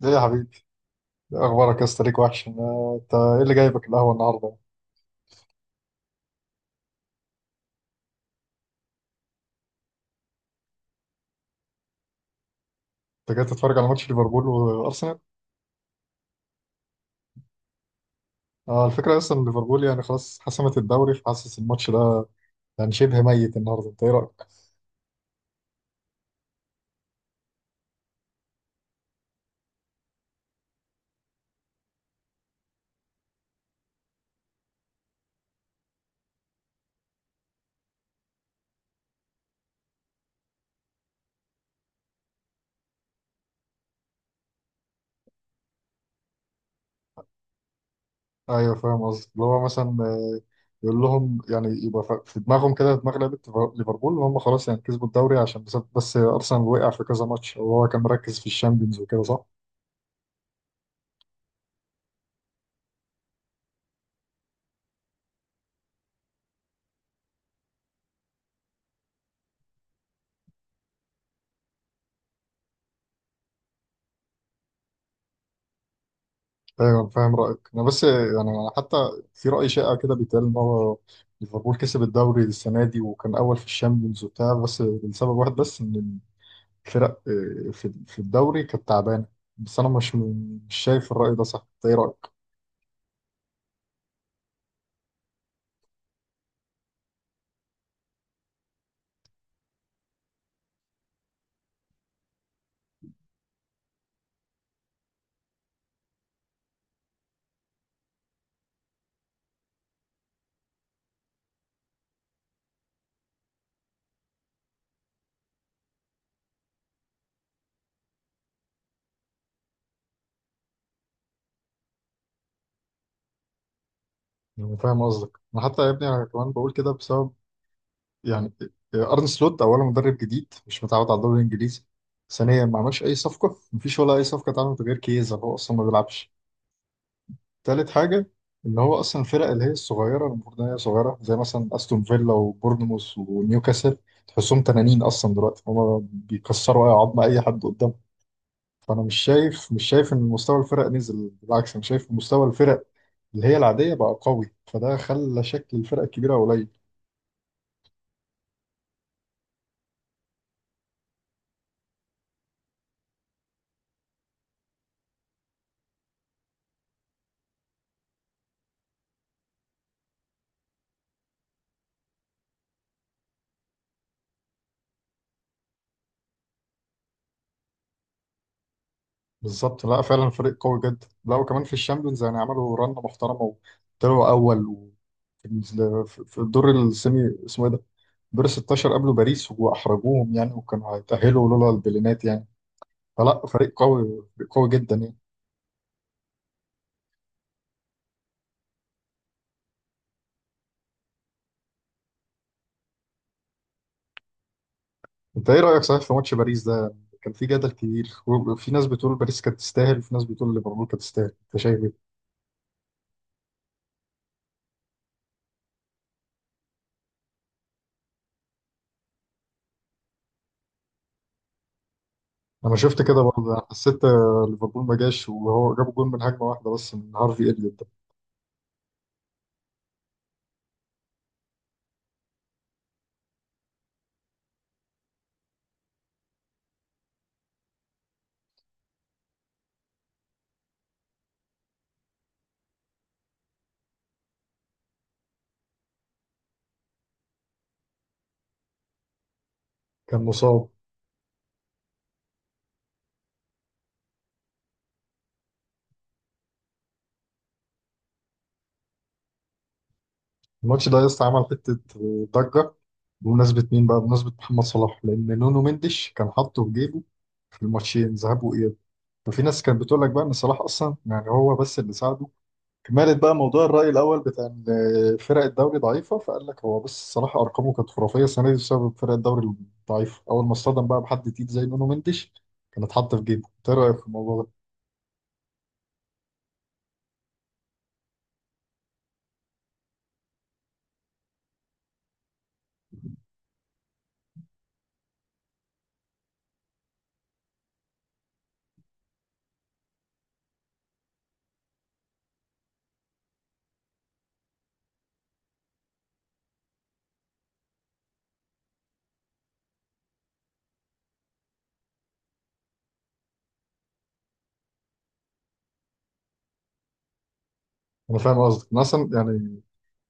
ليه يا حبيبي؟ اخبارك يا اسطى؟ ليك وحش انت ايه اللي جايبك القهوه النهارده؟ انت جاي تتفرج على ماتش ليفربول وارسنال؟ اه، الفكره اصلا إن ليفربول يعني خلاص حسمت الدوري، فحاسس الماتش ده يعني شبه ميت النهارده. انت ايه رايك؟ ايوه فاهم قصدي، اللي هو مثلا يقول لهم، يعني يبقى في دماغهم كده دماغ لعيبه ليفربول، ان هم خلاص يعني كسبوا الدوري عشان بس ارسنال وقع في كذا ماتش، وهو كان مركز في الشامبيونز وكده، صح؟ ايوه فاهم رايك. انا بس يعني أنا حتى في راي شائع كده بيتقال ان هو ليفربول كسب الدوري السنه دي وكان اول في الشامبيونز وبتاع، بس لسبب واحد بس، ان الفرق في الدوري كانت تعبانه. بس انا مش شايف الراي ده صح. انت ايه رايك؟ انا فاهم قصدك. انا حتى يا ابني انا كمان بقول كده بسبب يعني ارن سلوت اولا مدرب جديد مش متعود على الدوري الانجليزي. ثانيا ما عملش اي صفقه، مفيش ولا اي صفقه اتعملت غير كيزا، هو اصلا ما بيلعبش. تالت حاجة، إن هو أصلا الفرق اللي هي الصغيرة المفروض إن هي صغيرة، زي مثلا أستون فيلا وبورنموث ونيوكاسل، تحسهم تنانين أصلا دلوقتي، هما بيكسروا أي عظمة أي حد قدامهم. فأنا مش شايف مش شايف إن مستوى الفرق نزل، بالعكس أنا شايف مستوى الفرق اللي هي العادية بقى قوي، فده خلى شكل الفرق الكبيرة قليل. بالظبط، لا فعلا فريق قوي جدا، لا وكمان في الشامبيونز يعني عملوا رنة محترمة، وطلعوا أول و... في الدور السيمي اسمه إيه ده؟ دور 16 قابلوا باريس وأحرجوهم يعني، وكانوا هيتأهلوا لولا البلينات يعني. فلا فريق قوي، فريق قوي جدا يعني. أنت إيه رأيك صحيح في ماتش باريس ده؟ كان في جدل كبير، وفي ناس بتقول باريس كانت تستاهل، وفي ناس بتقول ليفربول كانت تستاهل. أنت شايف إيه؟ لما شفت كده برضه أنا حسيت ليفربول ما جاش، وهو جاب جون من هجمة واحدة بس، من هارفي إليوت ده. كان مصاب. الماتش ده لسه عمل حتة ضجة، بمناسبة مين بقى؟ بمناسبة محمد صلاح، لأن نونو مندش كان حاطه في جيبه في الماتشين ذهاب وإياب. ففي ناس كانت بتقول لك بقى إن صلاح أصلا يعني هو بس اللي ساعده، كمالة بقى موضوع الرأي الأول بتاع إن فرق الدوري ضعيفة. فقال لك هو بس صلاح أرقامه كانت خرافية السنة دي بسبب فرق الدوري الضعيفة، أول ما اصطدم بقى بحد تقيل زي نونو مندش كانت حاطة في جيبه. إنت إيه رأيك في الموضوع ده؟ أنا فاهم قصدك. أنا أصلا يعني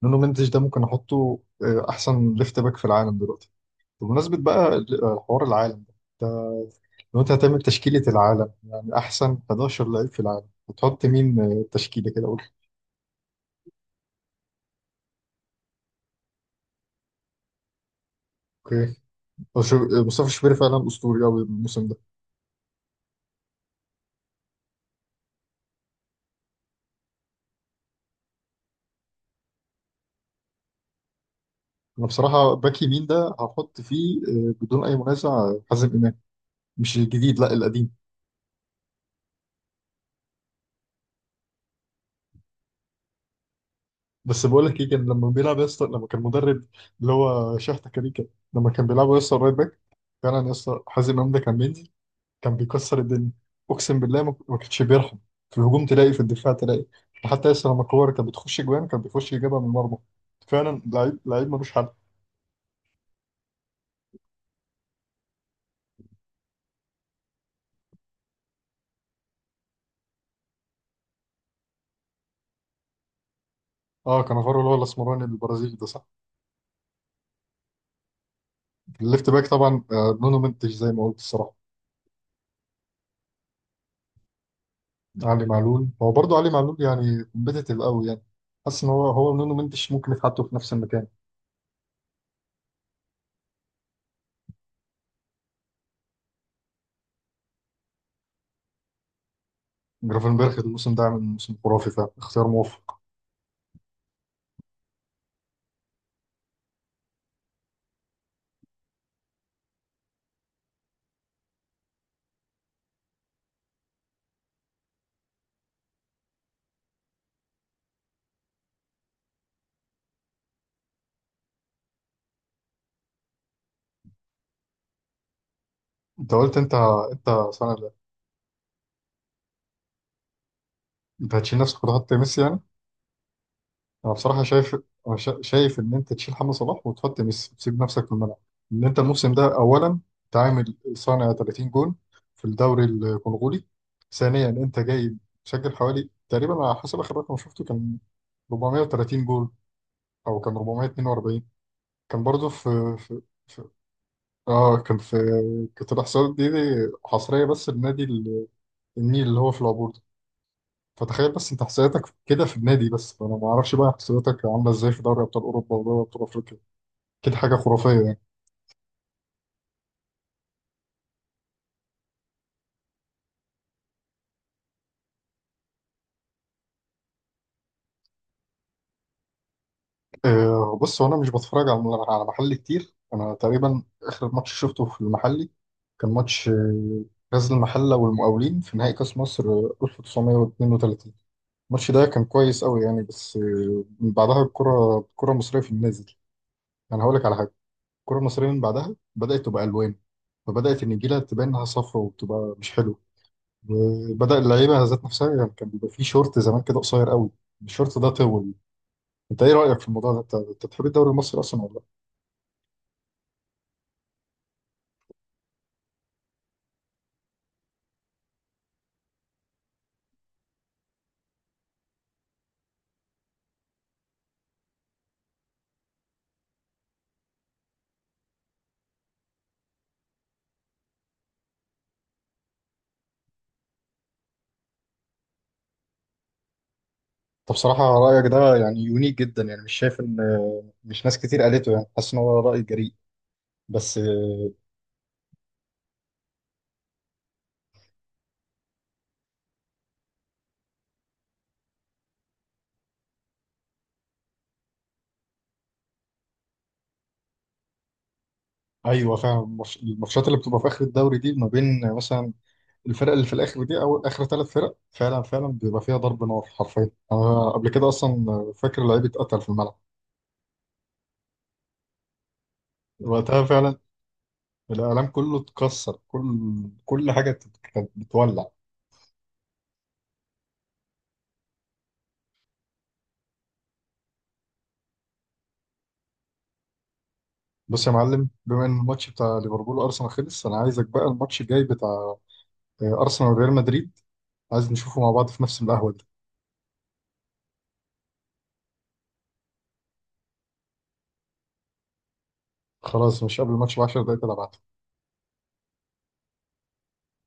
نونو مندش ده ممكن أحطه أحسن ليفت باك في العالم دلوقتي. بمناسبة بقى حوار العالم ده، لو انت هتعمل تشكيلة العالم، يعني احسن 11 لعيب في العالم، هتحط مين؟ تشكيلة كده قول. اوكي. هو مصطفى شوبير فعلا اسطوري قوي الموسم ده. انا بصراحة باك يمين ده هحط فيه بدون اي منازع حازم امام. مش الجديد، لا القديم. بس بقول لك ايه، كان لما بيلعب يا اسطى لما كان مدرب اللي هو شحتة كاريكا، لما كان بيلعب يا اسطى الرايت باك، فعلا يا اسطى حازم امام ده كان بينزل، كان بيكسر الدنيا. اقسم بالله ما كانش بيرحم. في الهجوم تلاقي، في الدفاع تلاقي، حتى لسه لما كوره كانت بتخش جوان كان بيخش يجيبها من المرمى. فعلا لعيب لعيب ملوش حل. اه كانافارو اللي هو الاسمراني البرازيلي ده، صح. الليفت باك طبعا نونو منتش زي ما قلت الصراحه. علي معلول، هو برضه علي معلول يعني كومبيتيتيف قوي يعني. حاسس ان هو نونو منتش ممكن يتحطوا في نفس المكان. جرافنبرخ الموسم ده عامل موسم خرافي، فعلا اختيار موفق. انت قلت، انت سنه ده. انت هتشيل نفسك وتحط ميسي يعني؟ انا بصراحه شايف، أنا شايف ان انت تشيل محمد صلاح وتحط ميسي وتسيب نفسك في الملعب، ان انت الموسم ده اولا أنت عامل صانع 30 جون في الدوري الكونغولي، ثانيا انت جاي مسجل حوالي تقريبا على حسب اخر رقم شفته، كان 430 جول، او كان 442، كان برضه في في اه كان في. كانت الاحصائيات دي حصريه بس لنادي النيل اللي هو في العبور ده. فتخيل بس انت احصائياتك كده في النادي بس، فانا ما اعرفش بقى احصائياتك عامله ازاي في دوري ابطال اوروبا ودوري ابطال افريقيا. كده حاجة خرافية يعني. أه بص، هو أنا مش بتفرج على محلي كتير. أنا تقريبا آخر ماتش شفته في المحلي كان ماتش غزل المحلة والمقاولين في نهائي كأس مصر 1932. الماتش ده كان كويس أوي يعني، بس من بعدها الكرة المصرية في النازل. أنا هقول لك على حاجة، الكرة المصرية من بعدها بدأت تبقى ألوان، فبدأت النجيلة تبان إنها صفرا وبتبقى مش حلوة. وبدأ اللعيبة ذات نفسها، يعني كان بيبقى فيه شورت زمان كده قصير أوي، الشورت ده طول. انت ايه رايك في الموضوع ده؟ انت بتحب الدوري المصري اصلا ولا لا؟ انت بصراحه رايك ده يعني يونيك جدا يعني، مش شايف ان مش ناس كتير قالته يعني، حاسس ان هو راي جريء بس ايوه فعلا. الماتشات اللي بتبقى في اخر الدوري دي ما بين مثلا الفرق اللي في الاخر دي، او اخر ثلاث فرق، فعلا فعلا بيبقى فيها ضرب نار حرفيا. انا قبل كده اصلا فاكر لعيب اتقتل في الملعب. وقتها فعلا الاعلام كله اتكسر، كل حاجه كانت بتولع. بص يا معلم، بما ان الماتش بتاع ليفربول وارسنال خلص، انا عايزك بقى الماتش الجاي بتاع ارسنال وريال مدريد عايز نشوفه مع بعض في نفس القهوه دي. خلاص، مش قبل الماتش ب 10 دقايق تلعب؟